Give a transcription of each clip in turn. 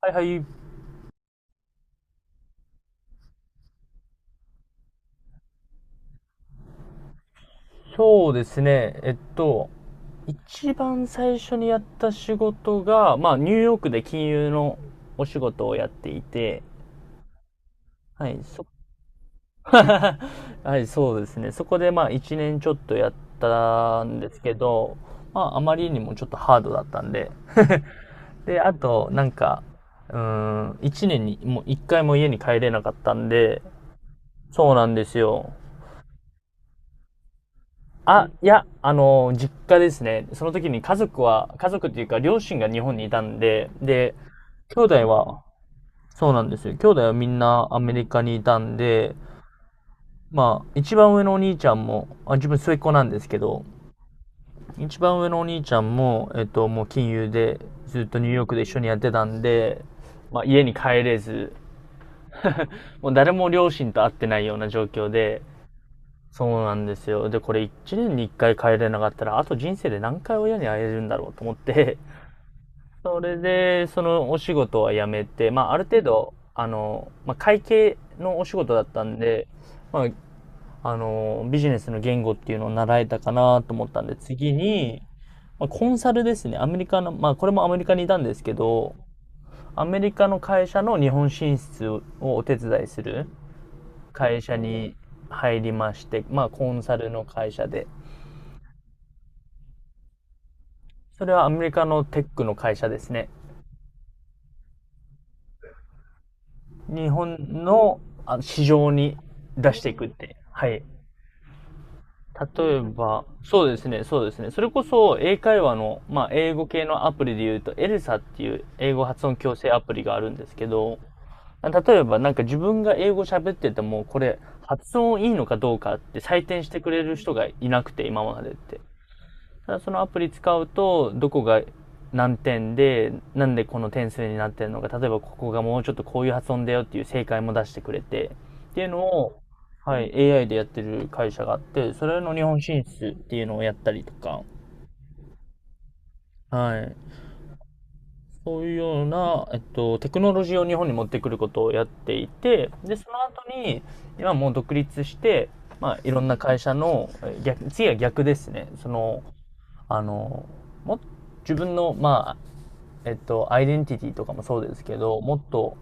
はいはい。そうですね。一番最初にやった仕事が、ニューヨークで金融のお仕事をやっていて、はい、そ、はい、そうですね。そこで、一年ちょっとやったんですけど、あまりにもちょっとハードだったんで、で、あと、うー一年に、もう一回も家に帰れなかったんで、そうなんですよ。実家ですね。その時に家族は、家族っていうか両親が日本にいたんで、で、兄弟は、そうなんですよ。兄弟はみんなアメリカにいたんで、一番上のお兄ちゃんも、あ、自分末っ子なんですけど、一番上のお兄ちゃんも、もう金融でずっとニューヨークで一緒にやってたんで、家に帰れず、もう誰も両親と会ってないような状況で、そうなんですよ。で、これ1年に1回帰れなかったら、あと人生で何回親に会えるんだろうと思って、それで、そのお仕事は辞めて、まあ、ある程度、会計のお仕事だったんで、まあ、ビジネスの言語っていうのを習えたかなと思ったんで、次に、コンサルですね。アメリカの、まあ、これもアメリカにいたんですけど、アメリカの会社の日本進出をお手伝いする会社に入りまして、まあ、コンサルの会社で。それはアメリカのテックの会社ですね。日本の市場に出していくって。はい。例えば、そうですね、そうですね。それこそ英会話の、まあ、英語系のアプリで言うと、エルサっていう英語発音矯正アプリがあるんですけど、例えばなんか自分が英語喋ってても、これ発音いいのかどうかって採点してくれる人がいなくて、今までって。ただそのアプリ使うと、どこが何点で、なんでこの点数になってるのか、例えばここがもうちょっとこういう発音だよっていう正解も出してくれて、っていうのを、はい、AI でやってる会社があって、それの日本進出っていうのをやったりとか、はい、そういうような、テクノロジーを日本に持ってくることをやっていて、で、その後に、今もう独立して、まあ、いろんな会社の、逆、次は逆ですね。その、あの、も、自分の、まえっと、アイデンティティとかもそうですけど、もっと、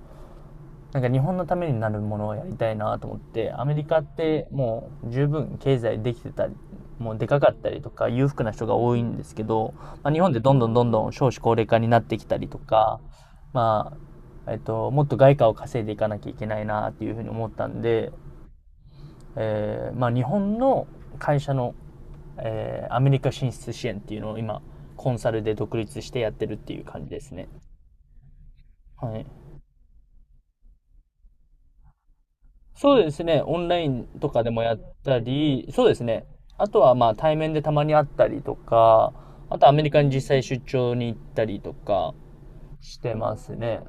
なんか日本のためになるものをやりたいなと思って、アメリカってもう十分経済できてたり、もうでかかったりとか裕福な人が多いんですけど、日本でどんどんどんどん少子高齢化になってきたりとか、まあ、もっと外貨を稼いでいかなきゃいけないなっていうふうに思ったんで、まあ日本の会社の、アメリカ進出支援っていうのを今、コンサルで独立してやってるっていう感じですね。はい。そうですね。オンラインとかでもやったり、そうですね。あとはまあ対面でたまに会ったりとか、あとアメリカに実際出張に行ったりとかしてますね。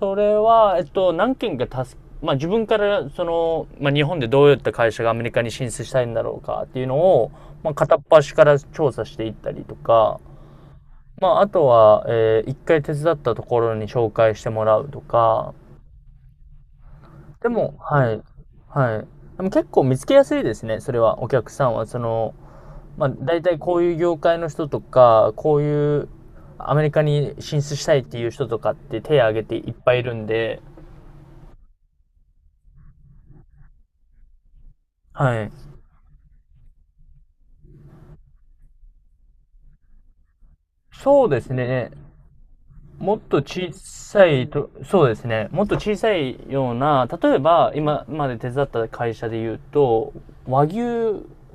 それは、何件か助け、まあ自分からその、まあ日本でどういった会社がアメリカに進出したいんだろうかっていうのを、まあ片っ端から調査していったりとか、まああとは、一回手伝ったところに紹介してもらうとか、でも、はい。はい。でも結構見つけやすいですね、それは、お客さんは。その、まあ、大体こういう業界の人とか、こういうアメリカに進出したいっていう人とかって手を挙げていっぱいいるんで、はい。そうですね。もっと小さいと、そうですね。もっと小さいような、例えば今まで手伝った会社で言うと、和牛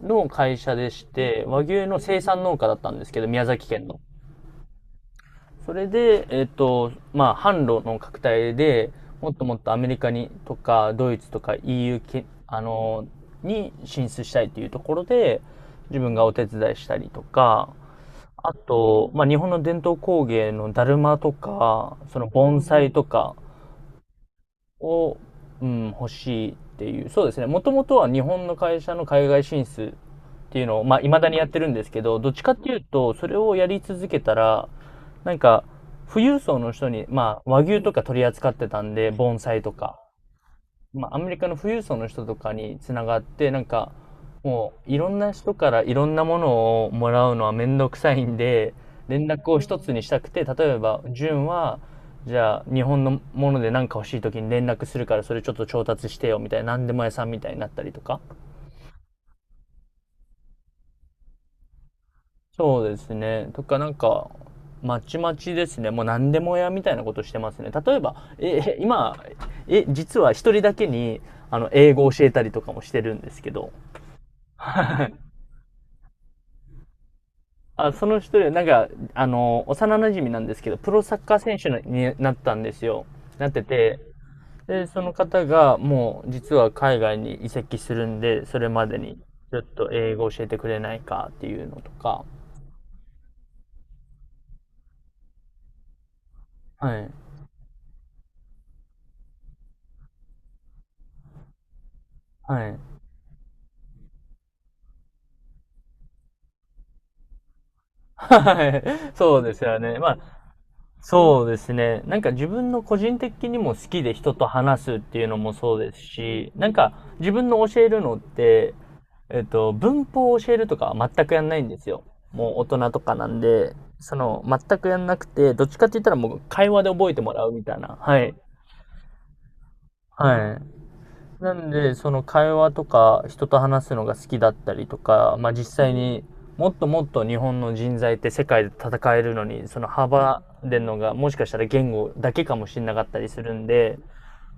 の会社でして、和牛の生産農家だったんですけど、宮崎県の。それで、まあ、販路の拡大で、もっともっとアメリカにとか、ドイツとか EU け、あの、に進出したいというところで、自分がお手伝いしたりとか、あと、まあ、日本の伝統工芸のだるまとか、その盆栽とか、を、うん、欲しいっていう。そうですね。もともとは日本の会社の海外進出っていうのを、まあ、未だにやってるんですけど、どっちかっていうと、それをやり続けたら、なんか、富裕層の人に、まあ、和牛とか取り扱ってたんで、盆栽とか。まあ、アメリカの富裕層の人とかにつながって、なんか、もういろんな人からいろんなものをもらうのはめんどくさいんで、連絡を一つにしたくて、例えば、純は、じゃあ日本のもので何か欲しい時に連絡するからそれちょっと調達してよみたいな、何でも屋さんみたいになったりとか。そうですね。とかなんか、まちまちですね。もう何でも屋みたいなことしてますね。例えば、今、実は一人だけに、英語を教えたりとかもしてるんですけど。はいあ、その一人、なんか、幼馴染なんですけど、プロサッカー選手になったんですよ。なってて、で、その方が、もう、実は海外に移籍するんで、それまでに、ちょっと英語教えてくれないかっていうのとか、はい。はい。はい。そうですよね。まあ、そうですね。なんか自分の個人的にも好きで人と話すっていうのもそうですし、なんか自分の教えるのって、文法を教えるとかは全くやんないんですよ。もう大人とかなんで、その、全くやんなくて、どっちかって言ったらもう会話で覚えてもらうみたいな。はい。はい。なんで、その会話とか人と話すのが好きだったりとか、まあ実際にもっともっと日本の人材って世界で戦えるのに、その幅でのがもしかしたら言語だけかもしれなかったりするんで、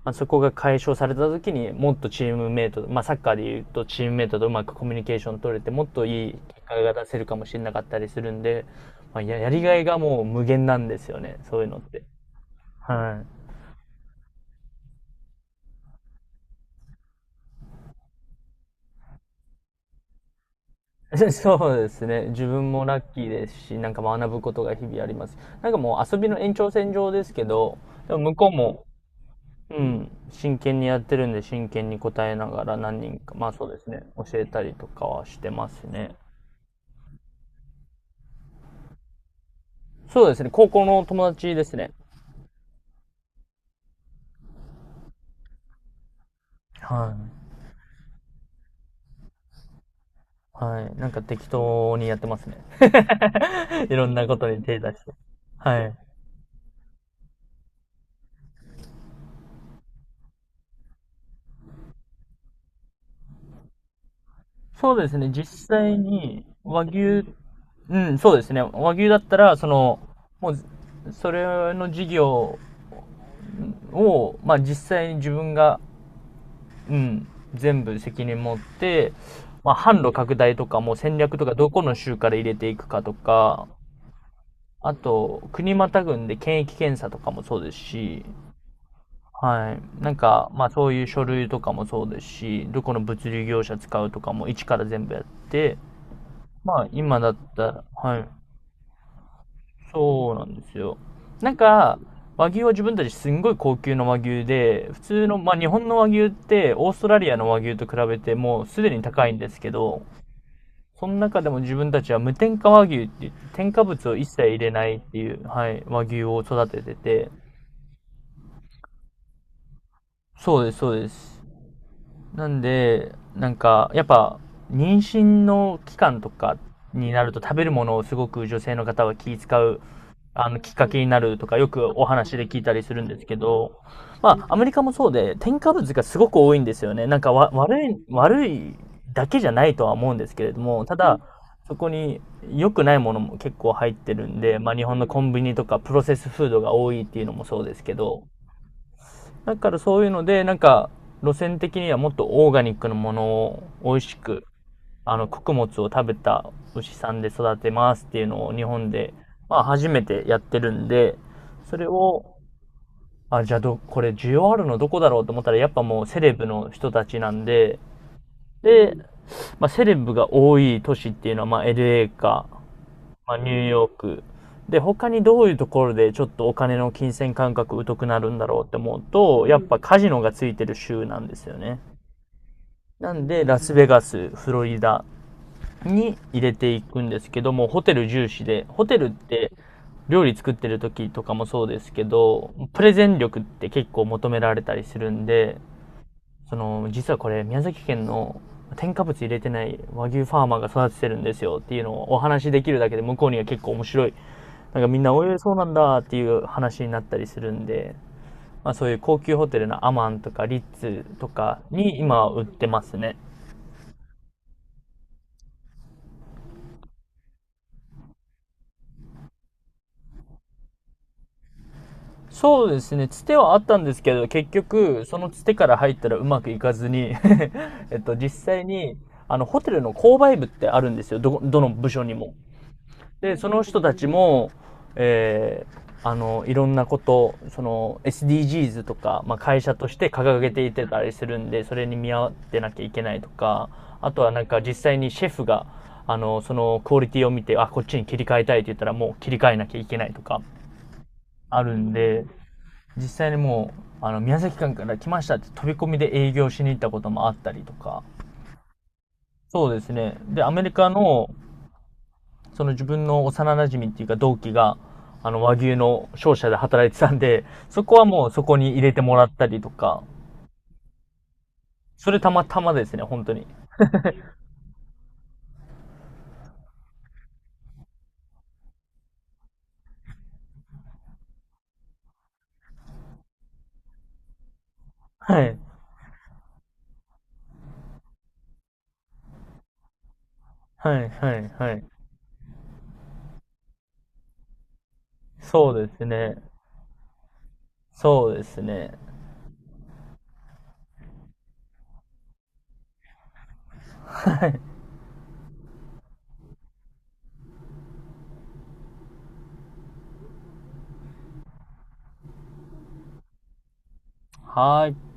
まあ、そこが解消された時にもっとチームメイト、まあサッカーでいうとチームメイトとうまくコミュニケーション取れてもっといい結果が出せるかもしれなかったりするんで、まあやりがいがもう無限なんですよね、そういうのって。はい。そうですね。自分もラッキーですし、なんか学ぶことが日々あります。なんかもう遊びの延長線上ですけど、でも向こうも、うん、真剣にやってるんで、真剣に答えながら何人か、まあそうですね、教えたりとかはしてますね。そうですね、高校の友達ですね。はい。はい。なんか適当にやってますね。いろんなことに手出して。はい。そうですね、実際に和牛、うん、そうですね、和牛だったら、もう、それの事業を、まあ実際に自分が、うん、全部責任持って、まあ販路拡大とかも戦略とかどこの州から入れていくかとか、あと、国またぐんで検疫検査とかもそうですし、はい。なんか、まあそういう書類とかもそうですし、どこの物流業者使うとかも一から全部やって、まあ、今だったら、はい。そうなんですよ。なんか、和牛は自分たちすんごい高級の和牛で、普通の、まあ日本の和牛ってオーストラリアの和牛と比べてもうすでに高いんですけど、その中でも自分たちは無添加和牛って言って、添加物を一切入れないっていう、はい、和牛を育ててて、そうです、そうです。なんで、なんか、やっぱ、妊娠の期間とかになると食べるものをすごく女性の方は気遣うきっかけになるとか、よくお話で聞いたりするんですけど、まあ、アメリカもそうで、添加物がすごく多いんですよね。なんか、悪いだけじゃないとは思うんですけれども、ただ、そこに良くないものも結構入ってるんで、まあ、日本のコンビニとかプロセスフードが多いっていうのもそうですけど、だからそういうので、なんか、路線的にはもっとオーガニックのものを美味しく穀物を食べた牛さんで育てますっていうのを日本で、まあ初めてやってるんで、それを、あ、じゃあこれ需要あるのどこだろうと思ったら、やっぱもうセレブの人たちなんで、で、まあセレブが多い都市っていうのは、まあ LA か、まあニューヨーク。で、他にどういうところでちょっとお金の金銭感覚疎くなるんだろうって思うと、やっぱカジノがついてる州なんですよね。なんで、ラスベガス、フロリダ、に入れていくんですけども、ホテル重視で、ホテルって料理作ってる時とかもそうですけど、プレゼン力って結構求められたりするんで、実はこれ宮崎県の添加物入れてない和牛ファーマーが育ててるんですよっていうのをお話しできるだけで向こうには結構面白い。なんかみんな、おいそうなんだっていう話になったりするんで、まあそういう高級ホテルのアマンとかリッツとかに今売ってますね。そうですね、つてはあったんですけど、結局、そのつてから入ったらうまくいかずに 実際に、ホテルの購買部ってあるんですよ、どの部署にも。で、その人たちも、いろんなこと、SDGs とか、まあ、会社として掲げていてたりするんで、それに見合ってなきゃいけないとか、あとはなんか実際にシェフが、そのクオリティを見て、あ、こっちに切り替えたいって言ったらもう切り替えなきゃいけないとか、あるんで、実際にもう宮崎県から来ましたって飛び込みで営業しに行ったこともあったりとか。そうですね、でアメリカのその自分の幼なじみっていうか同期が和牛の商社で働いてたんで、そこはもうそこに入れてもらったりとか。それたまたまですね、本当に。はいはいはいはい。そうですね、そうですね。はい。はーい。